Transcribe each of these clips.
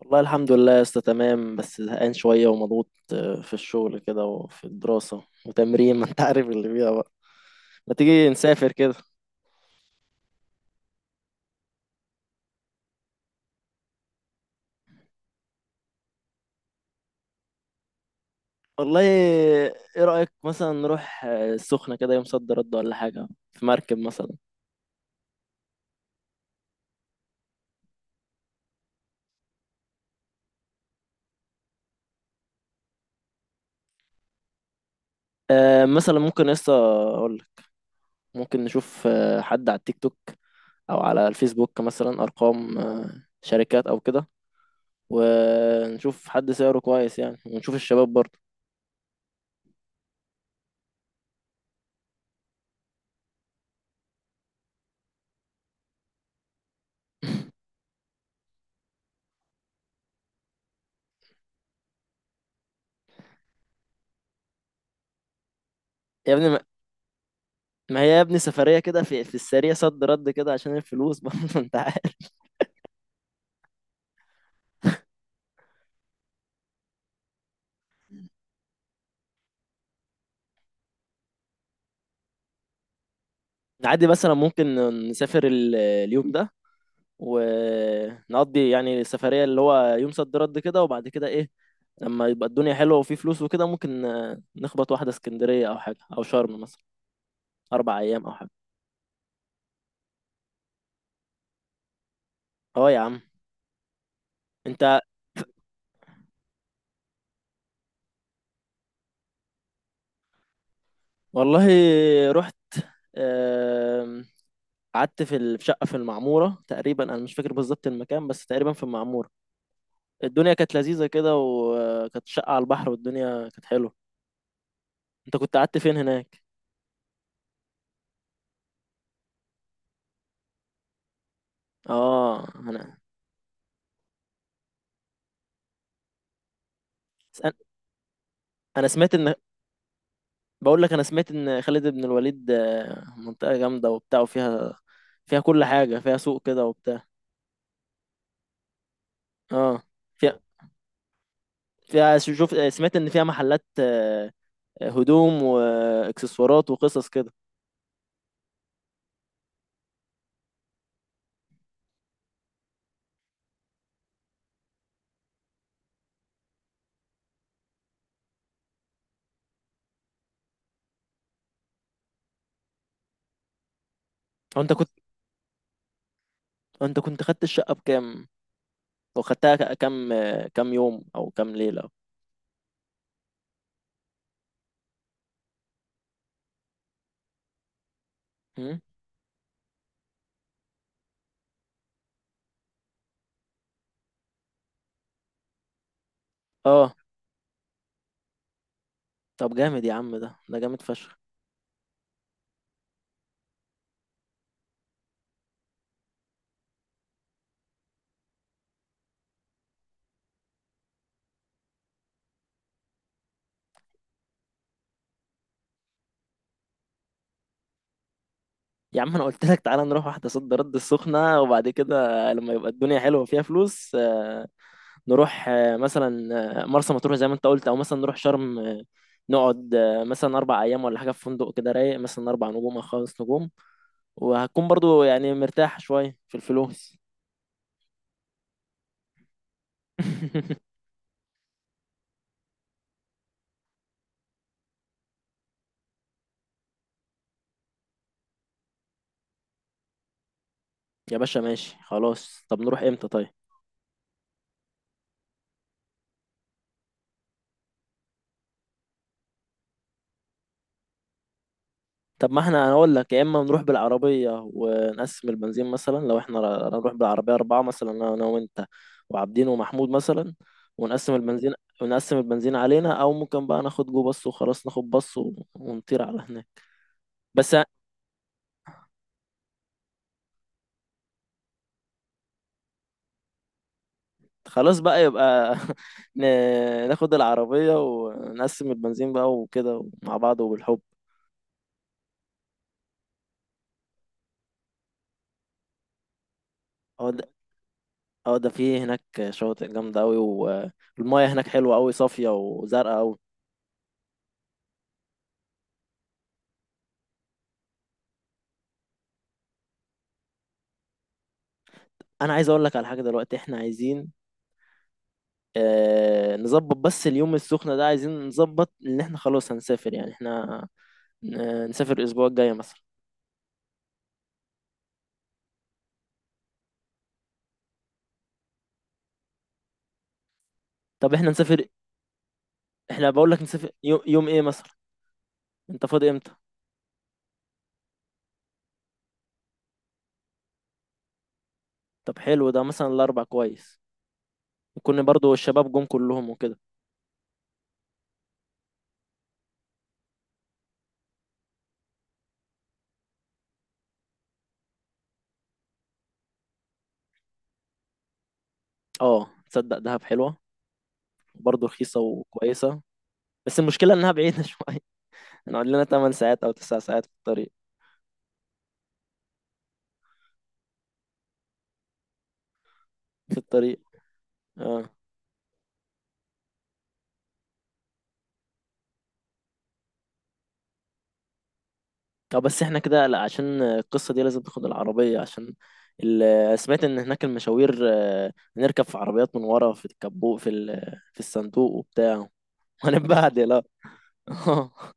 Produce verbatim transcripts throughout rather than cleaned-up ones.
والله الحمد لله يا اسطى، تمام بس زهقان شوية ومضغوط آه، في الشغل كده وفي الدراسة وتمرين، ما انت عارف اللي فيها بقى. ما تيجي نسافر كده؟ والله ايه، رأيك مثلا نروح آه، السخنة كده يوم صد رد ولا حاجة، في مركب مثلا؟ آه، مثلا ممكن يا اسطى، اقول لك، ممكن نشوف آه، حد على التيك توك او على الفيسبوك، مثلا ارقام آه، شركات او كده، ونشوف حد سعره كويس يعني، ونشوف الشباب برضه. يا ابني، ما هي يا ابني سفرية كده، في في السريع صد رد كده عشان الفلوس برضه انت عارف. عادي مثلا ممكن نسافر ال- اليوم ده، ونقضي يعني السفرية اللي هو يوم صد رد كده، وبعد كده ايه؟ لما يبقى الدنيا حلوة وفي فلوس وكده، ممكن آه، نخبط واحدة اسكندرية او حاجة، او شرم مثلا، اربع ايام او حاجة. اه يا عم، انت، والله رحت، آم، قعدت في ال- في شقة في المعمورة تقريبا، انا مش فاكر بالظبط المكان، بس تقريبا في المعمورة. الدنيا كانت لذيذة كده، وكانت شقة على البحر، والدنيا كانت حلوة. انت كنت قعدت فين هناك؟ اه انا. أنا أنا سمعت ان، بقول لك انا سمعت ان خالد بن الوليد آه، منطقة جامدة وبتاع، وفيها فيها كل حاجة، فيها سوق كده وبتاع. اه، فيها فيها شوف، سمعت ان فيها محلات آه، هدوم واكسسوارات وقصص كده. هو انت كنت، انت كنت خدت الشقة بكام؟ وخدتها ك- كام آه، كام يوم او كام ليلة؟ مم؟ اه طب جامد يا عم، ده ده جامد فشخ. يا عم انا قلت لك، تعالى نروح واحده صد رد السخنه، وبعد كده لما يبقى الدنيا حلوه وفيها فلوس آه، نروح آه، مثلا آه، مرسى مطروح زي ما انت قلت، او مثلا نروح شرم آه، نقعد آه، مثلا اربع ايام ولا حاجه، في فندق كده رايق مثلا اربع نجوم او خمس نجوم، وهتكون برضو يعني مرتاح شويه في الفلوس. يا باشا ماشي، خلاص طب نروح امتى طيب؟ طب ما احنا هنقول لك: يا اما نروح بالعربيه ونقسم البنزين، مثلا لو احنا ر- هنروح بالعربيه اربعه، مثلا انا أنا وانت وعابدين ومحمود مثلا، ونقسم البنزين، ونقسم البنزين علينا، او ممكن بقى ناخد جو باص، وخلاص ناخد باص و- ونطير على هناك. بس ه- خلاص بقى، يبقى ن- ناخد العربيه ونقسم البنزين بقى، وكده مع بعض وبالحب. اه ده، اه ده في هناك شواطئ جامده قوي، والمياه هناك حلوه قوي، صافيه وزرقاء قوي. انا عايز اقول لك على حاجه، دلوقتي احنا عايزين آه، نظبط بس اليوم السخنة ده، عايزين نظبط ان احنا خلاص هنسافر، يعني احنا آه، نسافر الاسبوع الجاي مثلا. طب احنا نسافر، احنا بقول لك نسافر يوم، يوم ايه مثلا؟ انت فاضي امتى؟ طب حلو، ده مثلا الاربع كويس، يكون برضو الشباب جم كلهم وكده. اه، تصدق؟ دهب حلوة، برضو رخيصة وكويسة. بس المشكلة انها بعيدة شوية، هنقعد لنا 8 ساعات او 9 ساعات في الطريق. في الطريق. اه اه، بس احنا كده لا، عشان القصة دي لازم تاخد العربية، عشان ال- آه، سمعت ان هناك المشاوير آه، نركب في عربيات من ورا في الكبوت، في ال- آه، في الصندوق وبتاع. هنتبهدل؟ لا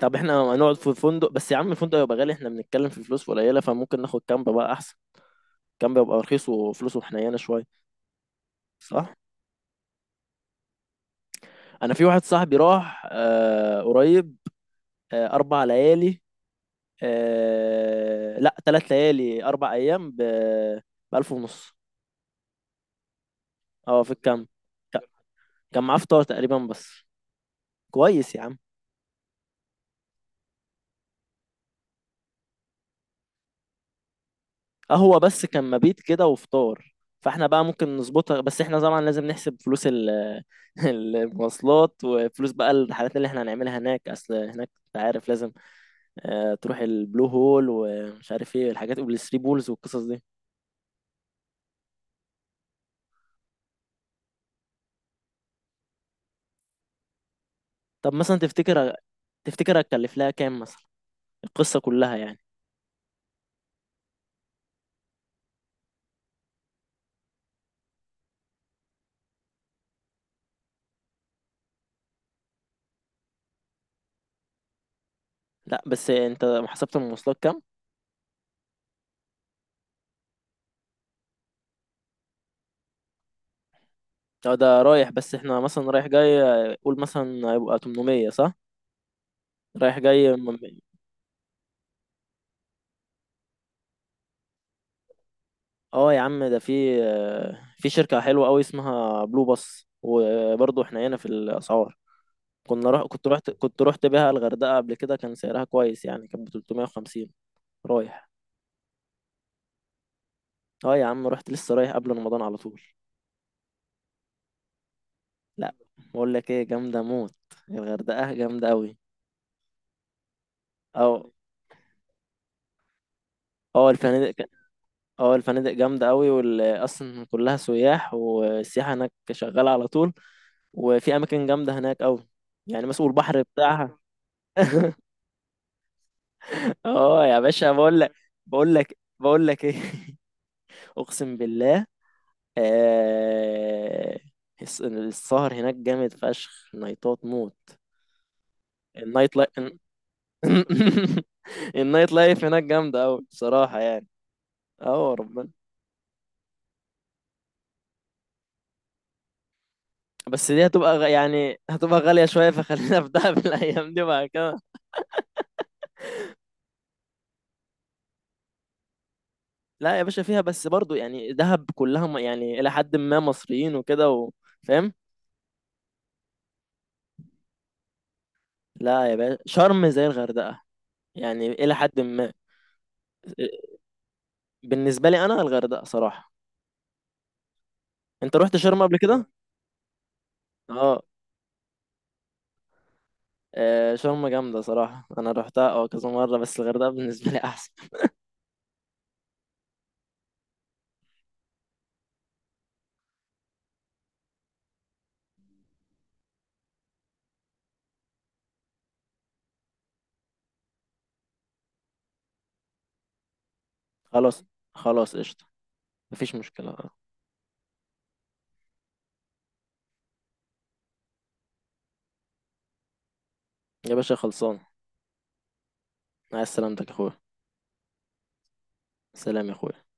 طب احنا هنقعد في فندق؟ بس يا عم الفندق يبقى غالي، احنا بنتكلم في فلوس قليلة، فممكن ناخد كامب بقى احسن. كامب يبقى رخيص وفلوسه حنينة شوية، صح. انا في واحد صاحبي راح آه قريب، آه اربع ليالي، آه لا، ثلاث ليالي اربع ايام ب ألف ونص. اه، في الكامب ك- كان معاه فطار تقريبا بس، كويس يا عم. قهوة بس، كان مبيت كده وفطار. فاحنا بقى ممكن نظبطها، بس احنا طبعا لازم نحسب فلوس ال- المواصلات، وفلوس بقى الرحلات اللي احنا هنعملها هناك، اصل هناك انت عارف لازم آه، تروح البلو هول ومش عارف ايه الحاجات، والثري بولز والقصص دي. طب مثلا، تفتكر تفتكر هتكلف لها كام مثلا، القصة كلها يعني؟ لا بس انت حسبت المواصلات كام؟ اه ده رايح، بس احنا مثلا رايح جاي آه، قول مثلا هيبقى تمنمية، صح؟ رايح جاي م- م- اه يا عم ده في آه، في شركة حلوة قوي اسمها بلو باص، وبرضه احنا هنا في الأسعار، كنا رح... كنت رحت كنت رحت بيها الغردقة قبل كده، كان سعرها كويس يعني، كانت ب تلتمية وخمسين رايح. اه يا عم رحت، لسه رايح قبل رمضان على طول. لا بقول لك ايه، جامدة موت، الغردقة جامدة قوي. اه اه، الفنادق اه الفنادق جامدة قوي، وال... اصلا كلها سياح، والسياحة هناك شغالة على طول، وفي اماكن جامدة هناك قوي، يعني مثلا البحر بتاعها. اه يا باشا، بقول لك بقول لك بقول لك ايه، اقسم بالله. آه... الس- السهر هناك جامد فشخ، نايتات موت. النايت لايف النايت لايف هناك جامده قوي بصراحه يعني. اه ربنا. بس دي هتبقى غ... يعني هتبقى غاليه شويه، فخلينا في دهب الايام دي بعد كده. لا يا باشا فيها، بس برضو يعني دهب كلها م... يعني الى حد ما مصريين وكده و... فاهم. لا يا باشا، شرم زي الغردقه، يعني الى حد ما. بالنسبه لي انا الغردقه صراحه. انت رحت شرم قبل كده؟ اه. آه، شرم جامده صراحه، انا رحتها اه كذا مره، بس الغردقه بالنسبه لي احسن. خلاص. خلاص قشطه، مفيش مشكله آه. يا باشا خلصان. مع السلامتك يا اخويا. سلام يا اخويا.